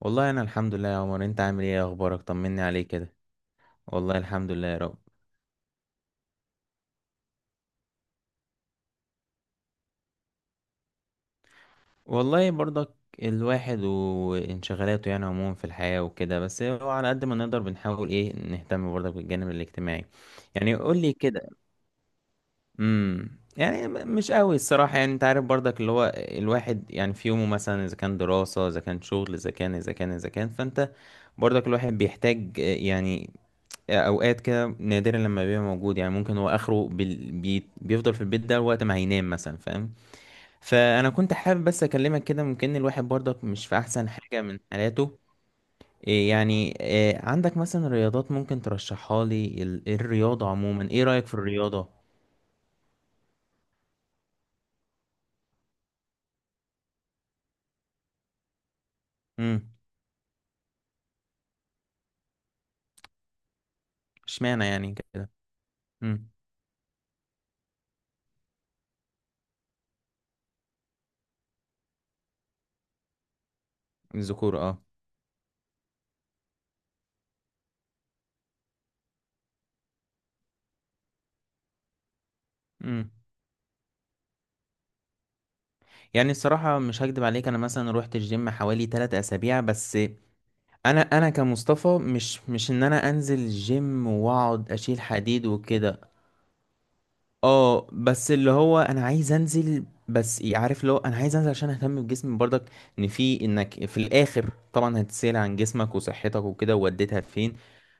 والله انا الحمد لله يا عمر، انت عامل ايه؟ إيه اخبارك؟ طمني عليك كده. والله الحمد لله يا رب. والله برضك الواحد وانشغالاته يعني عموما في الحياة وكده، بس هو على قد ما نقدر بنحاول ايه نهتم برضك بالجانب الاجتماعي. يعني قول لي كده. يعني مش قوي الصراحة، يعني انت عارف برضك اللي هو الواحد يعني في يومه، مثلا اذا كان دراسة، اذا كان شغل، اذا كان، فانت برضك الواحد بيحتاج يعني اوقات كده نادرا لما بيبقى موجود، يعني ممكن هو اخره بيفضل في البيت ده وقت ما هينام مثلا، فاهم؟ فانا كنت حابب بس اكلمك كده، ممكن الواحد برضك مش في احسن حاجة من حالاته. إيه يعني، إيه عندك مثلا رياضات ممكن ترشحها لي؟ الرياضة عموما، ايه رأيك في الرياضة؟ امم اشمعنى يعني كده؟ امم الذكور اه. امم يعني الصراحة مش هكدب عليك، انا مثلا روحت الجيم حوالي 3 اسابيع بس. انا كمصطفى مش ان انا انزل جيم واقعد اشيل حديد وكده. اه بس اللي هو انا عايز انزل، بس عارف اللي هو انا عايز انزل عشان اهتم بجسمي برضك، ان في انك في الاخر طبعا هتسأل عن جسمك وصحتك وكده ووديتها فين.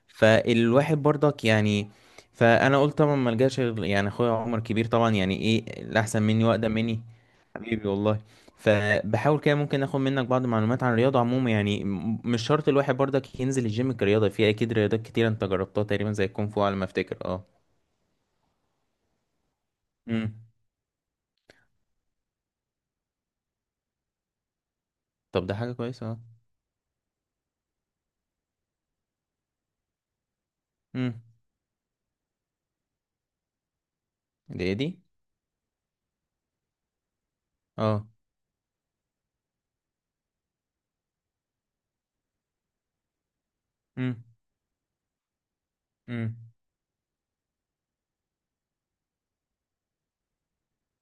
فالواحد برضك يعني، فانا قلت طبعا ما الجاش يعني اخويا عمر كبير طبعا يعني، ايه الاحسن مني واقدم مني. حبيبي والله. فبحاول كده ممكن اخد منك بعض المعلومات عن الرياضه عموما، يعني مش شرط الواحد برضك ينزل الجيم كرياضه، في اكيد رياضات كتير انت جربتها تقريبا زي الكونغ فو على ما افتكر، اه. امم طب ده حاجة كويسة اه. امم دي ايه دي؟ اه. امم امم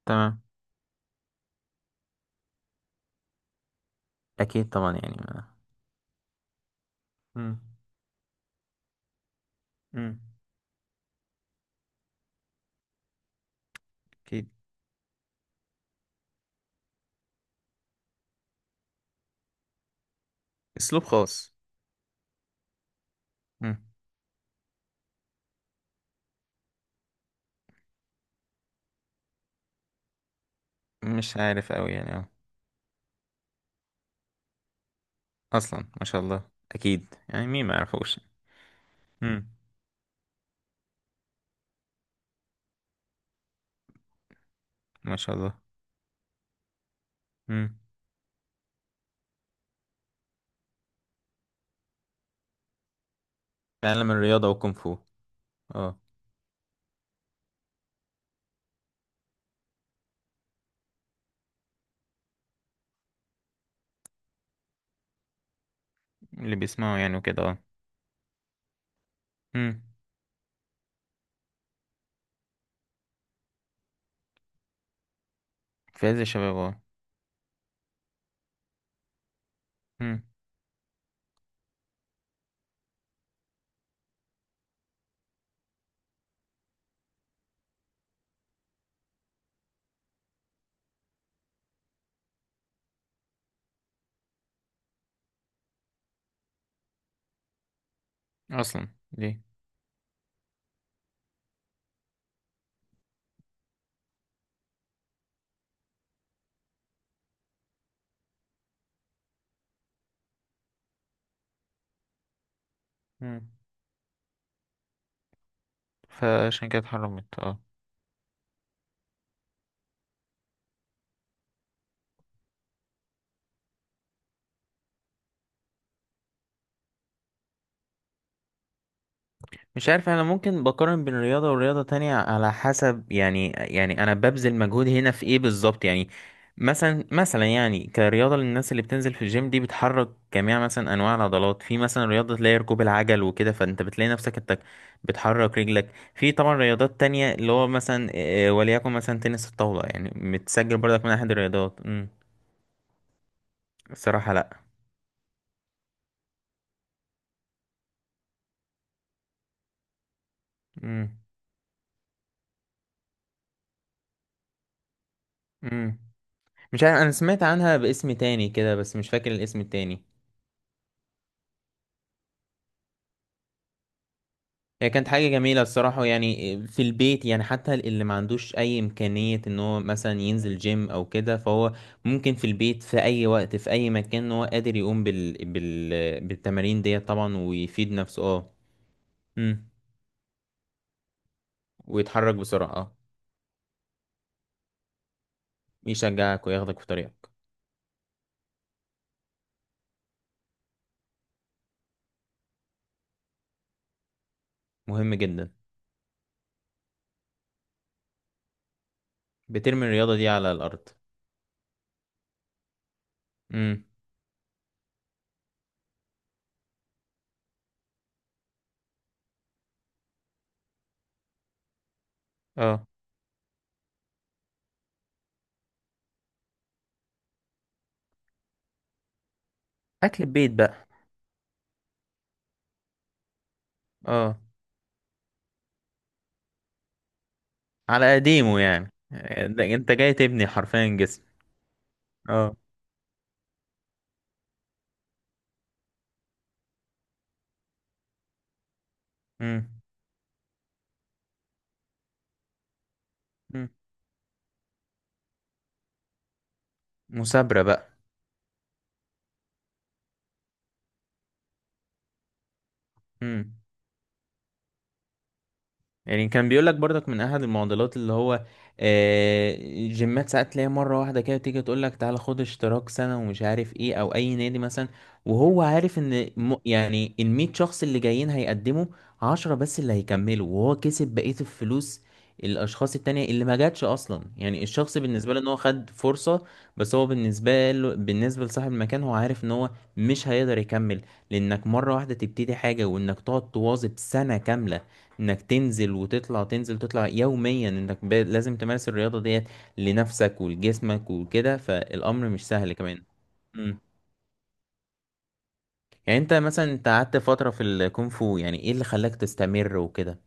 تمام. اكيد طبعا يعني ما. امم امم اكيد. اسلوب خاص. امم مش عارف قوي يعني اه. اصلا ما شاء الله، اكيد يعني مين ما يعرفوش. امم ما شاء الله. امم تعلم الرياضة وكونغ فو. اه. اللي بيسمعوا يعني وكده، اه. امم في عز الشباب اه. امم اصلا. ليه؟ امم فعشان كده اتحرمت اه. مش عارف، انا ممكن بقارن بين رياضة ورياضة تانية على حسب يعني، يعني انا ببذل مجهود هنا في ايه بالظبط يعني. مثلا يعني كرياضة للناس اللي بتنزل في الجيم دي، بتحرك جميع مثلا انواع العضلات. في مثلا رياضة تلاقي ركوب العجل وكده، فانت بتلاقي نفسك انت بتحرك رجلك. في طبعا رياضات تانية اللي هو مثلا وليكن مثلا تنس الطاولة، يعني متسجل برضك من احد الرياضات. الصراحة لا. امم امم مش عارف، انا سمعت عنها باسم تاني كده بس مش فاكر الاسم التاني. هي كانت حاجة جميلة الصراحة، يعني في البيت، يعني حتى اللي ما عندوش أي إمكانية إن هو مثلا ينزل جيم أو كده، فهو ممكن في البيت في أي وقت في أي مكان إن هو قادر يقوم بالتمارين ديت طبعا، ويفيد نفسه أه. أمم. ويتحرك بسرعة أه. يشجعك وياخدك في طريقك. مهم جدا. بترمي الرياضة دي على الأرض. أمم. أه. أكل البيت بقى. أه، على قديمه يعني. أنت جاي تبني حرفيا جسم. أه. أمم. أمم. مثابرة بقى. امم يعني كان بيقول لك برضك من احد المعضلات اللي هو آه، جيمات، ساعات تلاقي مره واحده كده تيجي تقول لك تعالى خد اشتراك سنه ومش عارف ايه، او اي نادي مثلا، وهو عارف ان يعني ال 100 شخص اللي جايين هيقدموا 10 بس اللي هيكملوا، وهو كسب بقيه الفلوس. الاشخاص التانية اللي ما جاتش اصلا، يعني الشخص بالنسبه له ان هو خد فرصه، بس هو بالنسبه له، بالنسبه لصاحب المكان، هو عارف ان هو مش هيقدر يكمل. لانك مره واحده تبتدي حاجه وانك تقعد تواظب سنه كامله، انك تنزل وتطلع، تنزل تطلع يوميا، انك لازم تمارس الرياضة ديت لنفسك ولجسمك وكده، فالامر مش سهل كمان. امم يعني انت مثلا، انت قعدت فترة في الكونغ فو، يعني ايه اللي خلاك تستمر وكده؟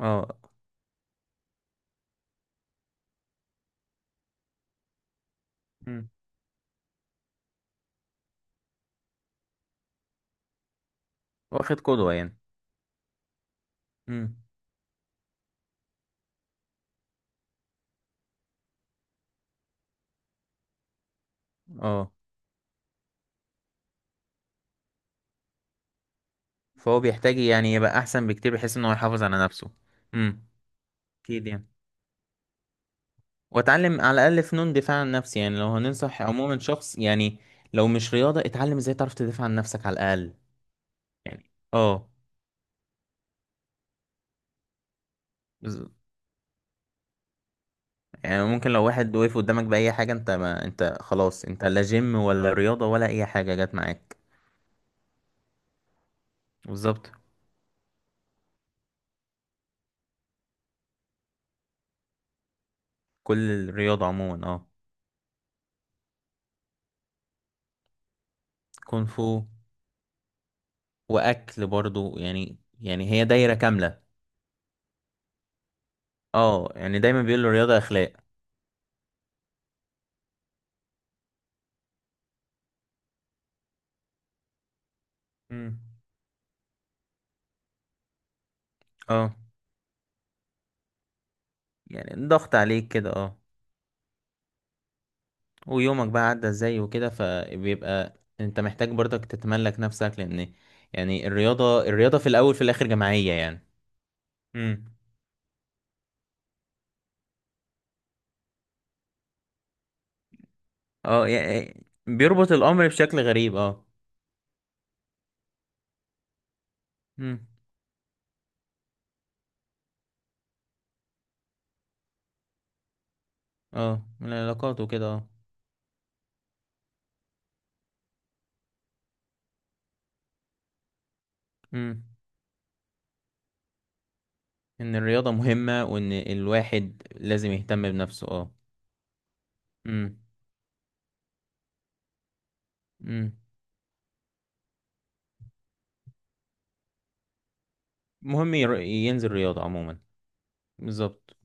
اه. امم واخد قدوة يعني. امم اه، فهو بيحتاج يعني يبقى احسن بكتير بحيث ان هو يحافظ على نفسه. امم اكيد يعني، واتعلم على الاقل فنون دفاع عن نفسي. يعني لو هننصح عموما شخص، يعني لو مش رياضة، اتعلم ازاي تعرف تدافع عن نفسك على الاقل. يعني اه. بز- يعني ممكن لو واحد وقف قدامك بأي حاجة، انت ما انت خلاص، انت لا جيم ولا رياضة ولا أي حاجة جت معاك. بالظبط. كل الرياضة عموما اه. كونغ فو. وأكل برضو يعني، يعني هي دايرة كاملة. اه يعني دايما بيقولوا الرياضة أخلاق. امم اه، يعني ضغط عليك كده اه. ويومك بقى عدى ازاي وكده، فبيبقى انت محتاج برضك تتملك نفسك لأن، يعني الرياضة، الرياضة في الأول في الآخر جماعية يعني. مم. اه، يعني بيربط الامر بشكل غريب اه. امم اه، من العلاقات وكده اه. امم ان الرياضة مهمة وان الواحد لازم يهتم بنفسه اه. امم امم مهم ينزل رياضة عموما. بالظبط.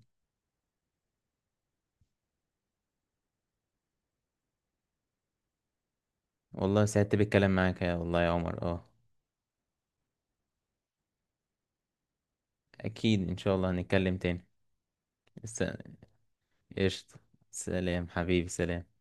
والله سعدت بالكلام معاك، يا والله يا عمر اه. اكيد ان شاء الله هنتكلم تاني. س- قشطة. سلام حبيبي، سلام.